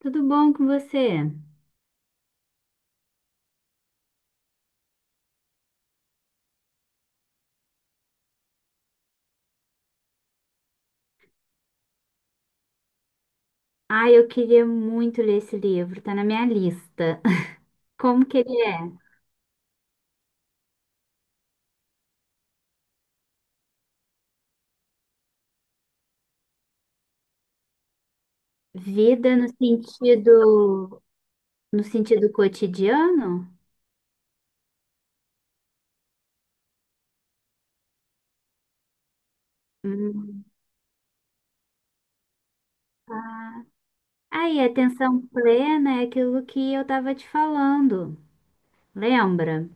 Tudo bom com você? Ai, eu queria muito ler esse livro, tá na minha lista. Como que ele é? Vida no sentido, no sentido cotidiano? Hum, tá. Aí, atenção plena é aquilo que eu tava te falando. Lembra?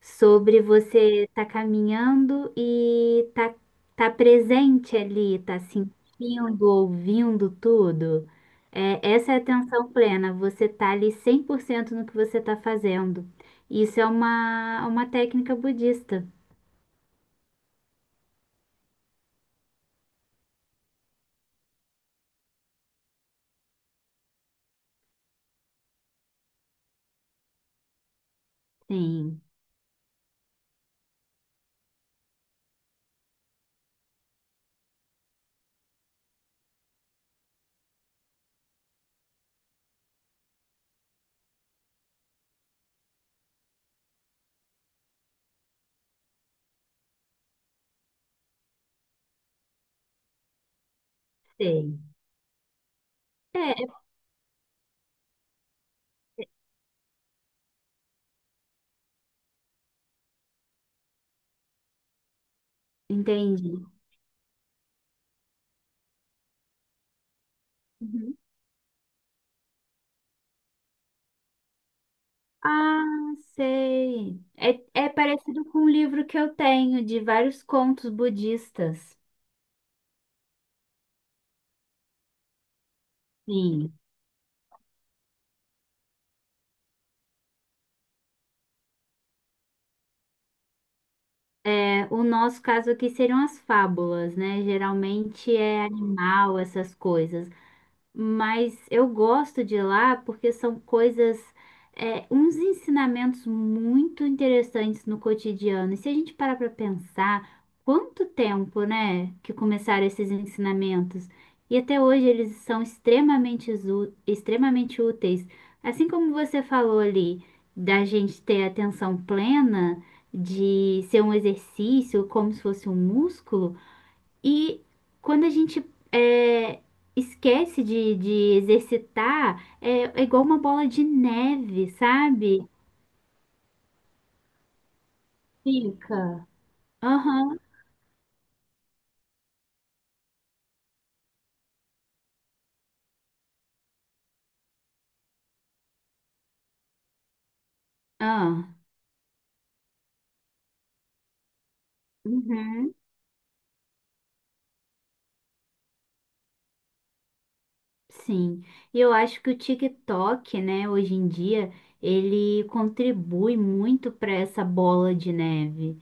Sobre você tá caminhando e tá presente ali, tá sentindo, ouvindo tudo. É, essa é a atenção plena, você tá ali 100% no que você tá fazendo. Isso é uma técnica budista. Sim, sei. É, entendi. Uhum. Ah, sei. É, é parecido com um livro que eu tenho de vários contos budistas. Sim. É, o nosso caso aqui seriam as fábulas, né? Geralmente é animal, essas coisas, mas eu gosto de ir lá porque são coisas, é, uns ensinamentos muito interessantes no cotidiano. E se a gente parar para pensar, quanto tempo, né, que começaram esses ensinamentos? E até hoje eles são extremamente, extremamente úteis. Assim como você falou ali, da gente ter atenção plena, de ser um exercício, como se fosse um músculo. E quando a gente é, esquece de exercitar, é, é igual uma bola de neve, sabe? Fica. Aham, ah, uhum, sim. E eu acho que o TikTok, né, hoje em dia, ele contribui muito para essa bola de neve.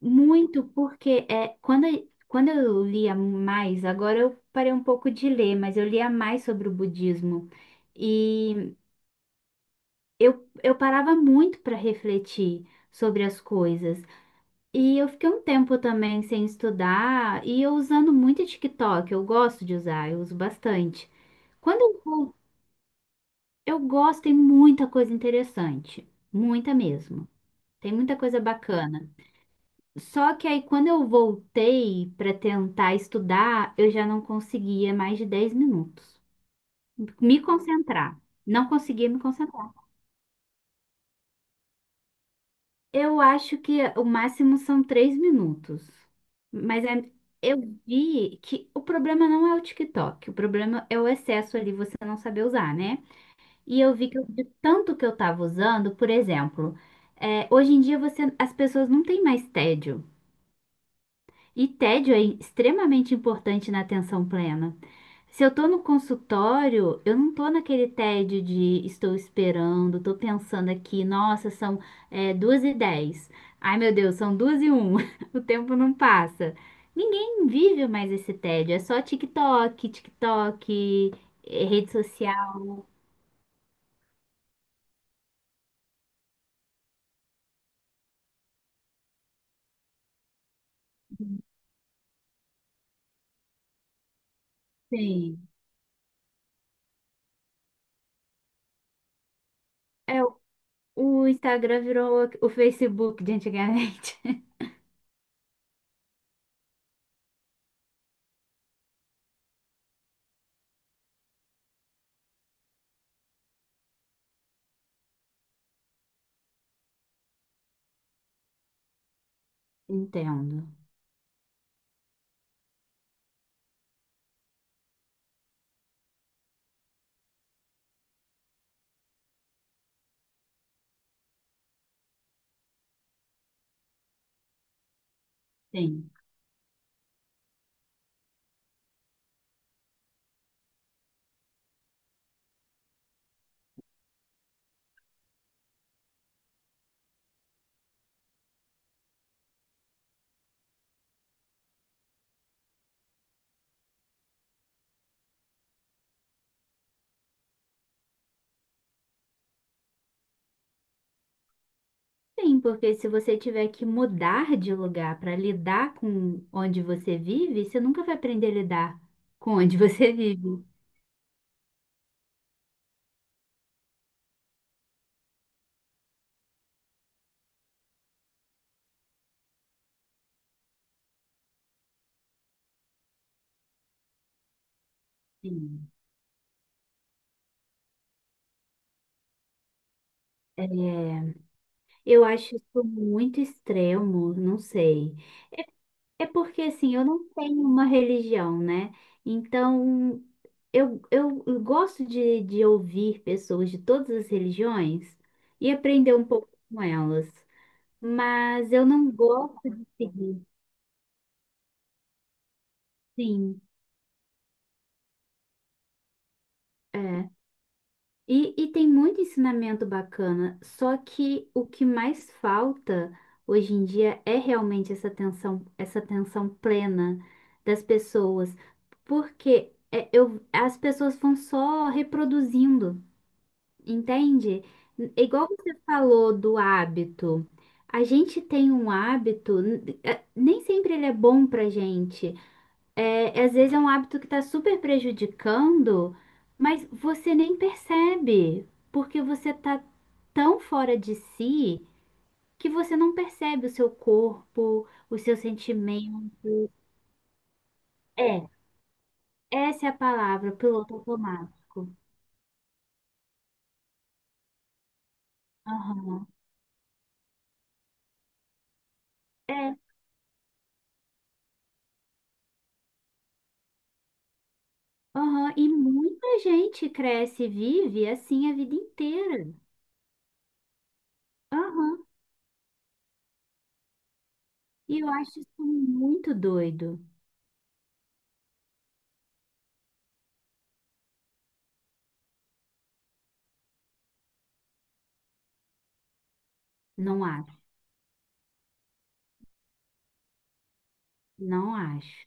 Muito, quando eu lia mais, agora eu parei um pouco de ler, mas eu lia mais sobre o budismo. E eu parava muito para refletir sobre as coisas. E eu fiquei um tempo também sem estudar e eu usando muito TikTok. Eu gosto de usar, eu uso bastante. Quando eu vou, eu gosto, tem muita coisa interessante, muita mesmo. Tem muita coisa bacana. Só que aí quando eu voltei para tentar estudar, eu já não conseguia mais de 10 minutos me concentrar. Não conseguia me concentrar. Eu acho que o máximo são 3 minutos. Mas é- eu vi que o problema não é o TikTok, o problema é o excesso ali, você não saber usar, né? E eu vi que de tanto que eu tava usando, por exemplo, é, hoje em dia as pessoas não têm mais tédio. E tédio é extremamente importante na atenção plena. Se eu tô no consultório, eu não tô naquele tédio de estou esperando, tô pensando aqui, nossa, são 2:10. Ai, meu Deus, são 2:01. O tempo não passa. Ninguém vive mais esse tédio, é só TikTok, TikTok, rede social. Sim. É, o Instagram virou o Facebook de antigamente. Entendo. Sim. Sim, porque se você tiver que mudar de lugar para lidar com onde você vive, você nunca vai aprender a lidar com onde você vive. Sim. É, eu acho isso muito extremo, não sei. É porque, assim, eu não tenho uma religião, né? Então, eu gosto de ouvir pessoas de todas as religiões e aprender um pouco com elas. Mas eu não gosto de seguir, sim. É. E, e tem muito ensinamento bacana, só que o que mais falta hoje em dia é realmente essa atenção plena das pessoas, porque as pessoas vão só reproduzindo, entende? Igual você falou do hábito, a gente tem um hábito, nem sempre ele é bom pra gente. É, às vezes é um hábito que está super prejudicando, mas você nem percebe, porque você está tão fora de si que você não percebe o seu corpo, o seu sentimento. É, essa é a palavra, piloto automático. Aham. É, aham. E muita gente cresce e vive assim a vida inteira. Aham. E eu acho isso muito doido. Não acho, não acho.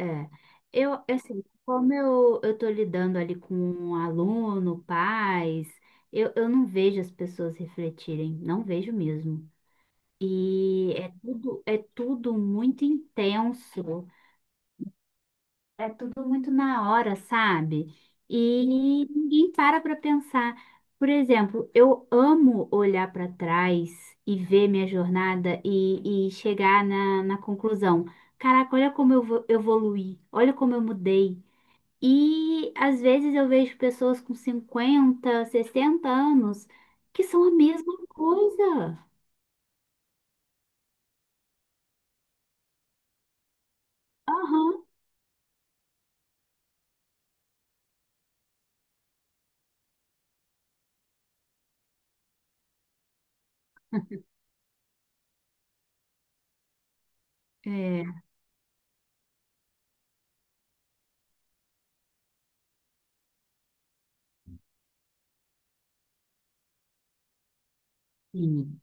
É, é assim, eu tô lidando ali com um aluno, pais, eu não vejo as pessoas refletirem, não vejo mesmo. E é tudo muito intenso, é tudo muito na hora, sabe? E ninguém para para pensar. Por exemplo, eu amo olhar para trás e ver minha jornada e chegar na conclusão. Caraca, olha como eu evoluí, olha como eu mudei. E às vezes eu vejo pessoas com 50, 60 anos que são a mesma coisa. Aham. É, sim.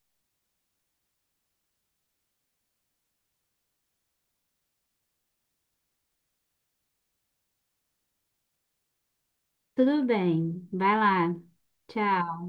Tudo bem. Vai lá. Tchau.